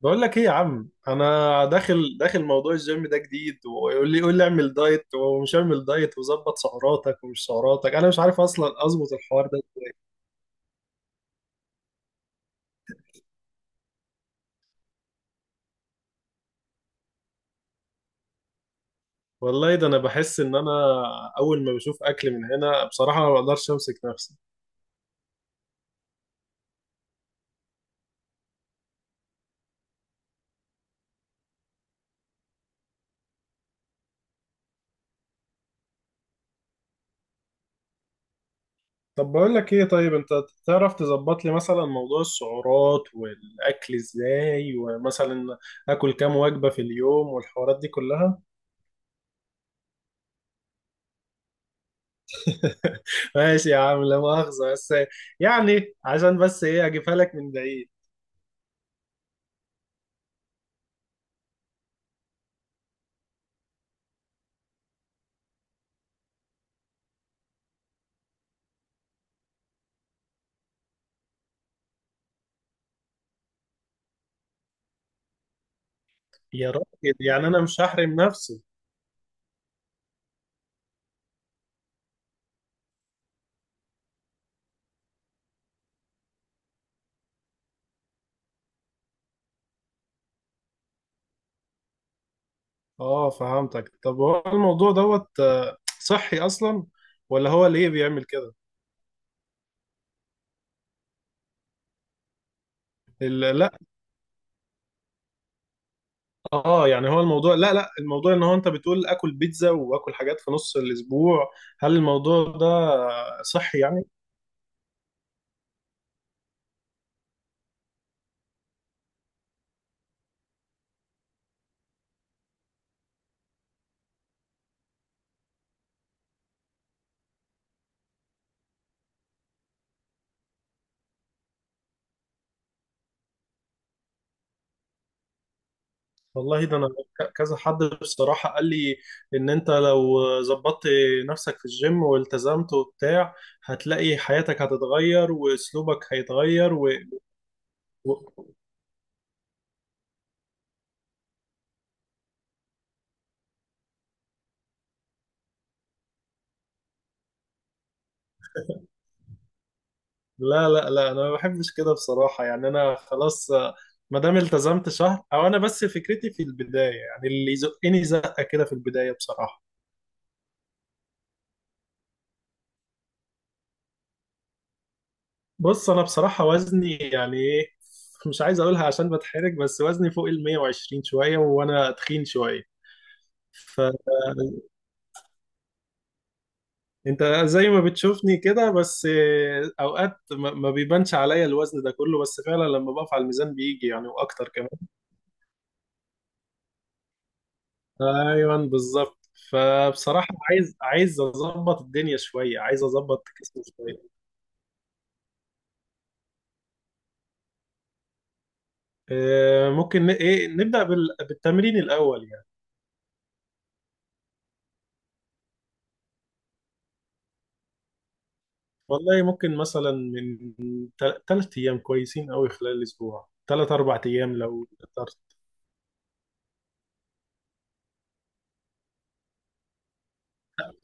بقول لك ايه يا عم، انا داخل موضوع الجيم ده جديد. ويقول لي اعمل دايت ومش اعمل دايت، وظبط سعراتك ومش سعراتك. انا مش عارف اصلا اظبط الحوار ده. والله ده انا بحس ان انا اول ما بشوف اكل من هنا بصراحة ما بقدرش امسك نفسي. طب بقول لك ايه، طيب انت تعرف تظبط لي مثلا موضوع السعرات والاكل ازاي، ومثلا اكل كام وجبة في اليوم والحوارات دي كلها؟ ماشي يا عم، لا مؤاخذة، بس يعني عشان بس ايه اجيبها لك من بعيد. يا راجل، يعني انا مش هحرم نفسي. اه، فهمتك. طب هو الموضوع دوت صحي اصلا، ولا هو ليه بيعمل كده؟ لا. اه يعني هو الموضوع، لا لا، الموضوع ان هو انت بتقول اكل بيتزا واكل حاجات في نص الاسبوع. هل الموضوع ده صحي يعني؟ والله ده انا كذا حد بصراحة قال لي ان انت لو ظبطت نفسك في الجيم والتزمت وبتاع، هتلاقي حياتك هتتغير واسلوبك هيتغير و... لا لا لا، انا ما بحبش كده بصراحة. يعني انا خلاص، ما دام التزمت شهر، او انا بس فكرتي في البداية، يعني اللي يزقني زقة كده في البداية بصراحة. بص، انا بصراحة وزني يعني ايه، مش عايز اقولها عشان بتحرج، بس وزني فوق ال 120 شوية، وانا تخين شوية. فانت زي ما بتشوفني كده. بس اوقات ما بيبانش عليا الوزن ده كله، بس فعلا لما بقف على الميزان بيجي يعني واكتر. ايوه بالظبط. فبصراحة عايز اظبط الدنيا شوية، عايز اظبط جسمي شوية. ممكن ايه، نبدأ بالتمرين الاول يعني. والله ممكن مثلا من 3 ايام كويسين قوي خلال الاسبوع، 3 4 ايام لو قدرت.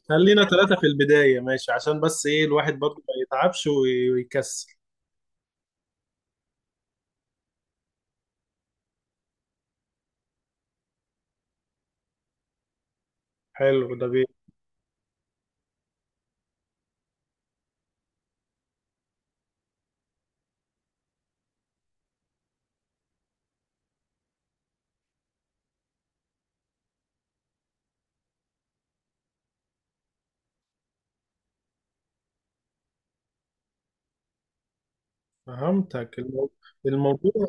خلينا 3 في البداية ماشي، عشان بس ايه الواحد برضه ما يتعبش ويكسل. حلو ده بيه. فهمتك. الموضوع،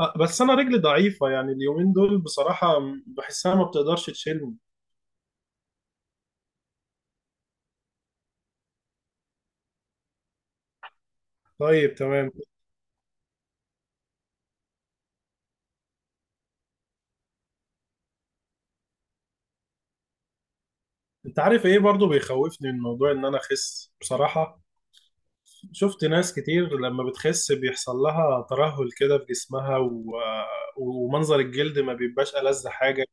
بس انا رجلي ضعيفة، يعني اليومين دول بصراحة بحسها ما بتقدرش تشيلني. طيب تمام. انت عارف ايه برضو بيخوفني من موضوع ان انا اخس بصراحة؟ شفت ناس كتير لما بتخس بيحصل لها ترهل كده في جسمها ومنظر الجلد ما بيبقاش ألذ حاجة.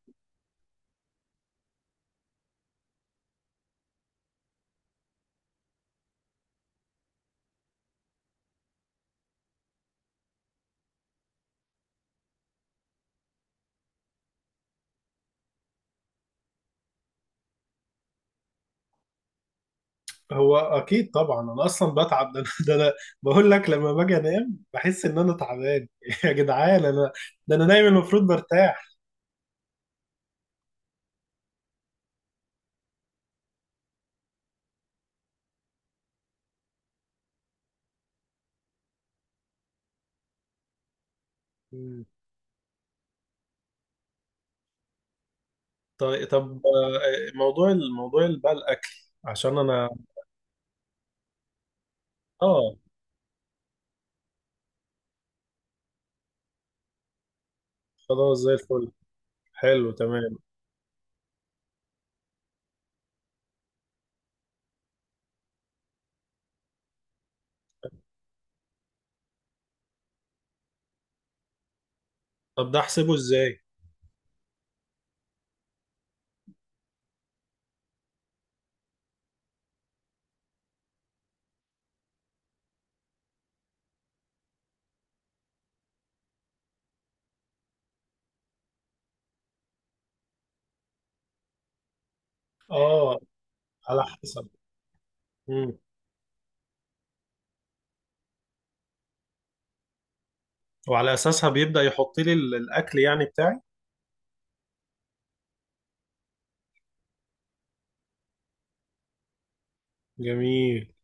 هو اكيد طبعا، انا اصلا بتعب. ده انا ده انا بقول لك لما باجي انام بحس ان انا تعبان. يا جدعان، انا ده انا نايم المفروض برتاح. مم. طيب الموضوع اللي بقى الاكل، عشان انا. اه. خلاص، زي الفل. حلو تمام. طب ده احسبه ازاي؟ اه، على حسب. مم. وعلى اساسها بيبدأ يحط لي الاكل يعني بتاعي. جميل.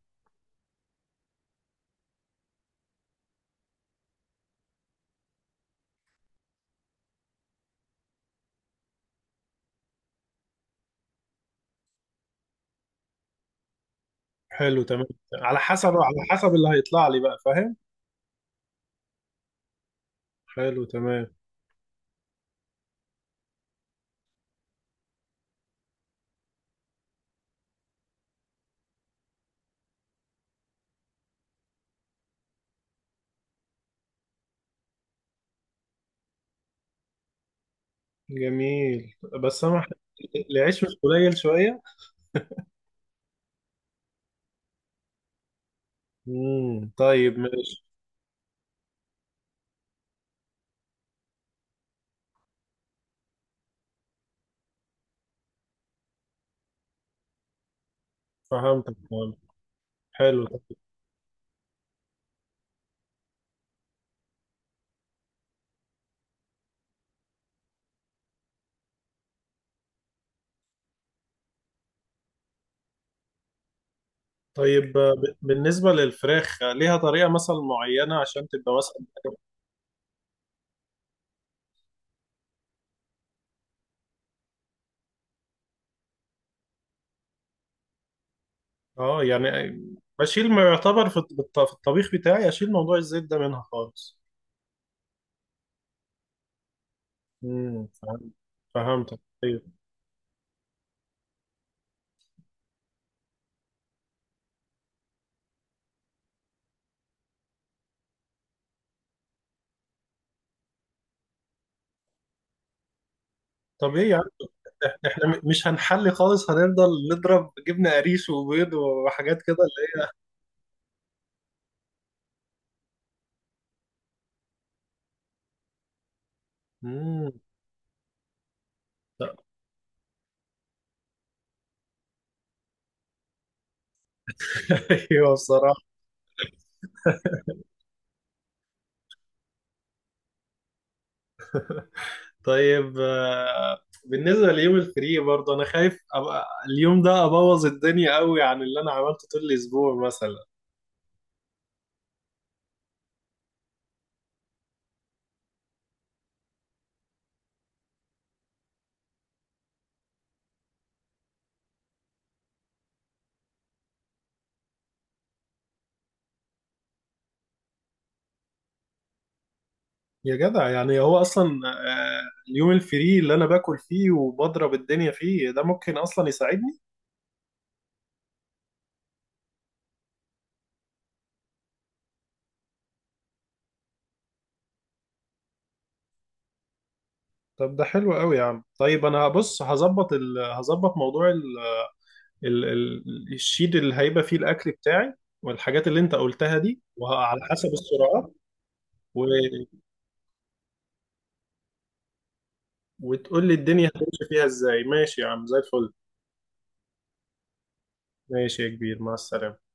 حلو تمام. على حسب اللي هيطلع لي بقى، فاهم؟ حلو تمام. جميل. بس انا العيش مش قليل شوية؟ طيب ماشي. فهمتك، فهمت. حلو. طيب، بالنسبة للفراخ ليها طريقة مثلا معينة عشان تبقى مثلا. اه يعني بشيل، ما يعتبر في في الطبيخ بتاعي اشيل موضوع الزيت ده منها خالص. فهمت. فهمتك، ايوه. طب ايه يا عم، احنا مش هنحلي خالص، هنفضل نضرب جبنه قريش وبيض وحاجات كده اللي هي امم ايوه بصراحه. طيب، بالنسبه ليوم الفري برضه، انا خايف ابقى اليوم ده ابوظ الدنيا قوي عن اللي انا عملته طول الاسبوع مثلا. يا جدع، يعني هو اصلا اليوم الفري اللي انا باكل فيه وبضرب الدنيا فيه ده ممكن اصلا يساعدني. طب ده حلو قوي يا عم. طيب انا هبص، هظبط هظبط موضوع الشيت اللي هيبقى فيه الاكل بتاعي، والحاجات اللي انت قلتها دي، وعلى حسب السرعات و... وتقول لي الدنيا هتمشي فيها ازاي. ماشي يا عم، زي الفل. ماشي يا كبير، مع السلامة.